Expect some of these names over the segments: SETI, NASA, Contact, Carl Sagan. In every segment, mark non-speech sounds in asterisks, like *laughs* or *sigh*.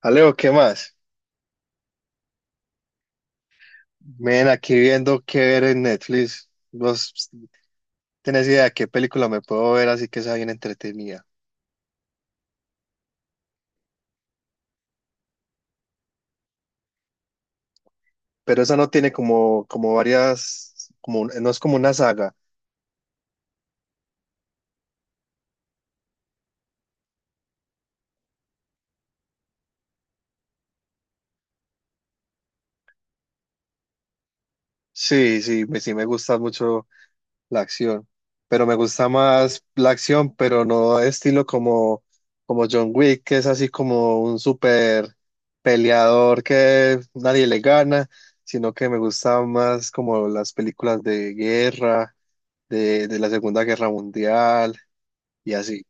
Alejo, ¿qué más? Ven aquí viendo qué ver en Netflix. ¿Vos tenés idea de qué película me puedo ver así que sea bien entretenida? Pero esa no tiene como, como varias, como, no es como una saga. Sí, sí me gusta mucho la acción, pero me gusta más la acción, pero no estilo como, como John Wick, que es así como un super peleador que nadie le gana, sino que me gusta más como las películas de guerra de la Segunda Guerra Mundial y así,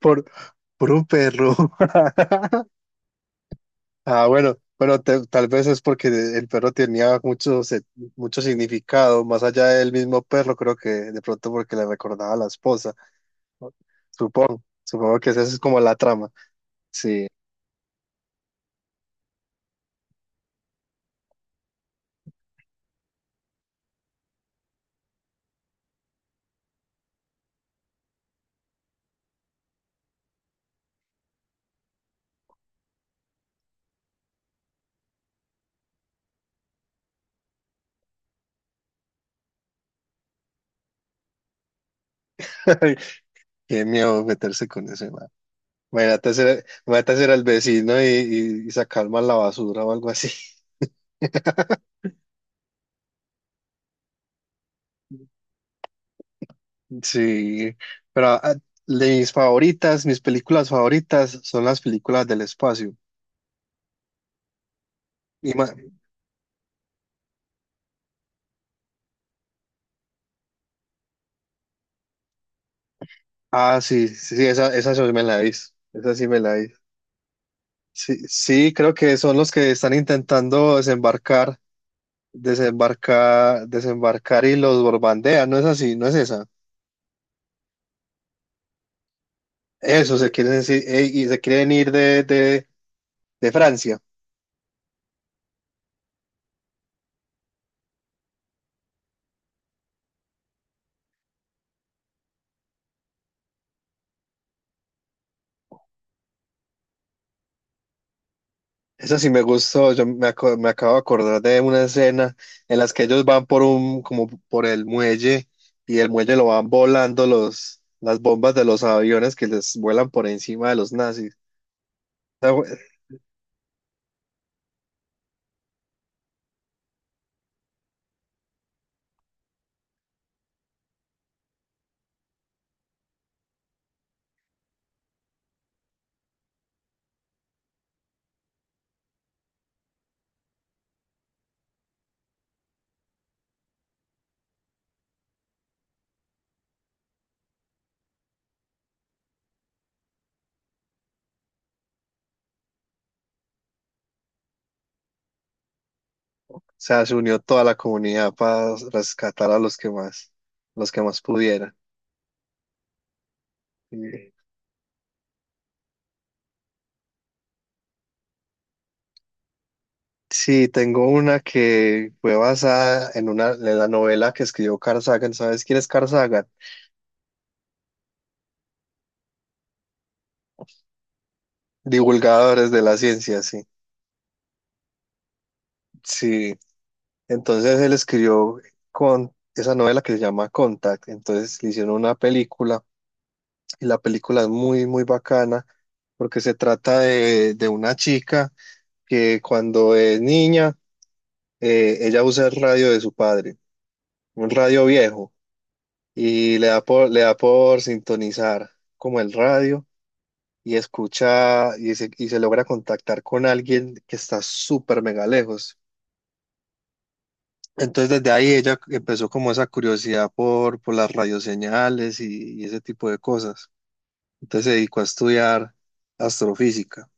por, por un perro. *laughs* Ah, bueno, bueno, tal vez es porque el perro tenía mucho, mucho significado, más allá del mismo perro, creo que de pronto porque le recordaba a la esposa, ¿no? Supongo que esa es como la trama, sí, *laughs* qué miedo meterse con ese man. Imagínate ser el vecino y, y sacar mal la basura o algo así. Sí, pero ah, de mis favoritas, mis películas favoritas son las películas del espacio. Y ma- ah, sí, esa sí me la hice. Esa sí me la hice. Sí, sí, creo que son los que están intentando desembarcar, desembarcar y los borbandean, no es así, no es esa. Eso, se quieren decir, y se quieren ir de Francia. Eso sí me gustó, me acabo de acordar de una escena en las que ellos van por un, como por el muelle y el muelle lo van volando las bombas de los aviones que les vuelan por encima de los nazis. Ah, güey, o sea, se unió toda la comunidad para rescatar a los que más pudieran. Y- Sí, tengo una que fue basada en una, en la novela que escribió Carl Sagan. ¿Sabes quién es Carl Sagan? Divulgadores de la ciencia, sí. Sí. Entonces él escribió con esa novela que se llama Contact. Entonces le hicieron una película y la película es muy, muy bacana porque se trata de una chica que cuando es niña, ella usa el radio de su padre, un radio viejo, y le da por sintonizar como el radio y escucha y se logra contactar con alguien que está súper mega lejos. Entonces desde ahí ella empezó como esa curiosidad por las radioseñales y ese tipo de cosas. Entonces se dedicó a estudiar astrofísica.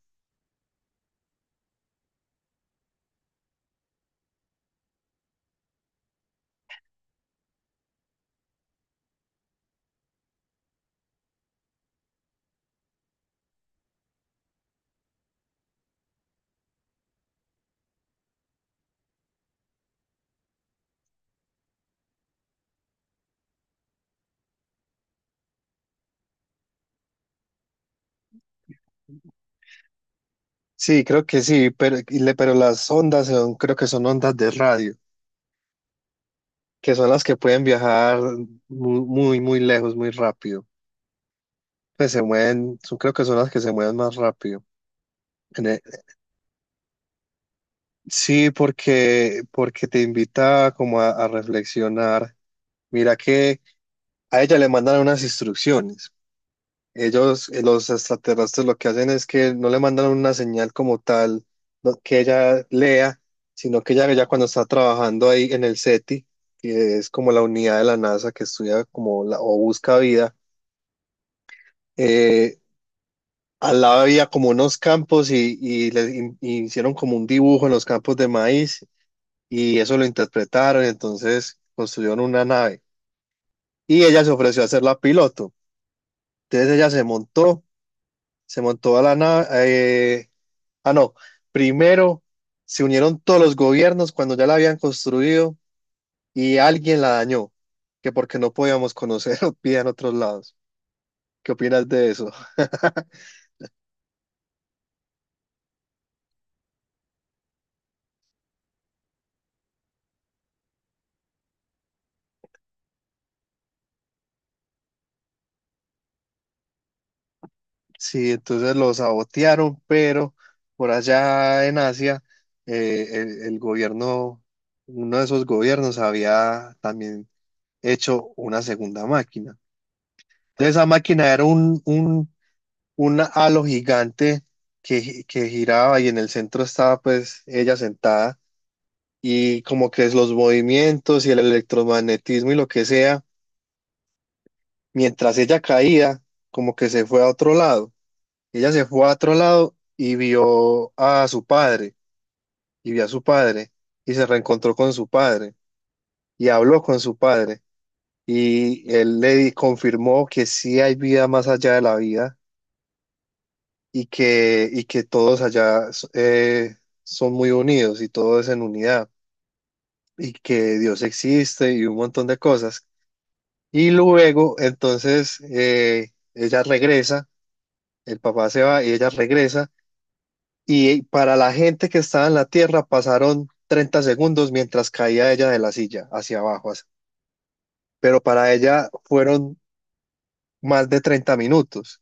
Sí, creo que sí, pero, pero las ondas son, creo que son ondas de radio, que son las que pueden viajar muy, muy lejos, muy rápido. Pues se mueven, creo que son las que se mueven más rápido. En e- Sí, porque, porque te invita como a reflexionar. Mira que a ella le mandan unas instrucciones. Ellos, los extraterrestres, lo que hacen es que no le mandan una señal como tal, que ella lea, sino que ella ya cuando está trabajando ahí en el SETI, que es como la unidad de la NASA que estudia como la, o busca vida, eh, al lado había como unos campos y, y hicieron como un dibujo en los campos de maíz y eso lo interpretaron, entonces construyeron una nave y ella se ofreció a ser la piloto. Entonces ella se montó a la nave. eh, Ah, no. Primero se unieron todos los gobiernos cuando ya la habían construido y alguien la dañó, que porque no podíamos conocer *laughs* vida en otros lados. ¿Qué opinas de eso? *laughs* Sí, entonces lo sabotearon, pero por allá en Asia, el gobierno, uno de esos gobiernos había también hecho una segunda máquina. Entonces, esa máquina era un halo gigante que, que giraba y en el centro estaba pues ella sentada y como que es los movimientos y el electromagnetismo y lo que sea, mientras ella caía, como que se fue a otro lado. Ella se fue a otro lado y vio a su padre y vio a su padre y se reencontró con su padre y habló con su padre y confirmó que sí hay vida más allá de la vida y que todos allá eh, son muy unidos y todo es en unidad y que Dios existe y un montón de cosas. Y luego, entonces, ella regresa, el papá se va y ella regresa y para la gente que estaba en la tierra pasaron 30 segundos mientras caía ella de la silla hacia abajo, así. Pero para ella fueron más de 30 minutos.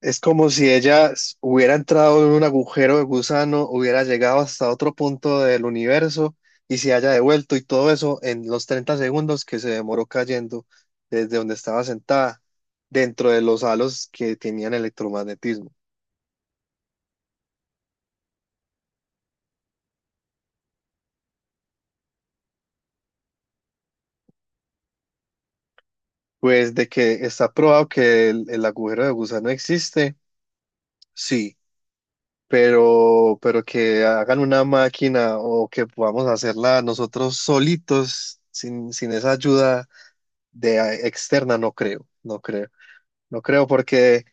Es como si ella hubiera entrado en un agujero de gusano, hubiera llegado hasta otro punto del universo y se haya devuelto y todo eso en los 30 segundos que se demoró cayendo desde donde estaba sentada dentro de los halos que tenían electromagnetismo. Pues de que está probado que el agujero de gusano existe, sí, pero que hagan una máquina o que podamos hacerla nosotros solitos sin, sin esa ayuda externa no creo, no creo, no creo porque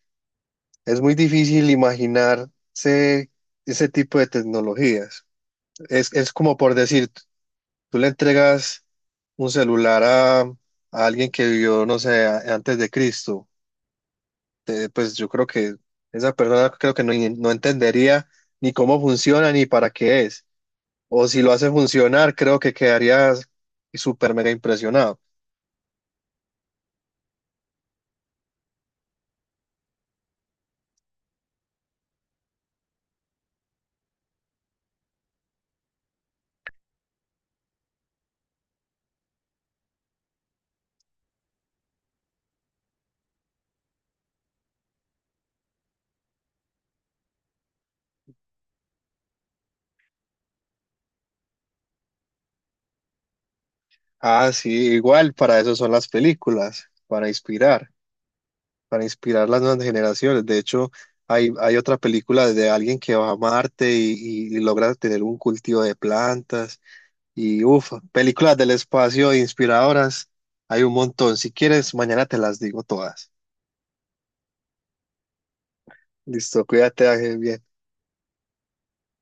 es muy difícil imaginarse ese tipo de tecnologías. Es como por decir, tú le entregas un celular a alguien que vivió, no sé, antes de Cristo, pues yo creo que esa persona creo que no, no entendería ni cómo funciona ni para qué es. O si lo hace funcionar, creo que quedaría súper mega impresionado. Ah, sí, igual para eso son las películas, para inspirar, para inspirar las nuevas generaciones. De hecho, hay otra película de alguien que va a Marte y, y logra tener un cultivo de plantas y uff, películas del espacio inspiradoras. Hay un montón. Si quieres, mañana te las digo todas. Listo, cuídate, Ángel, bien.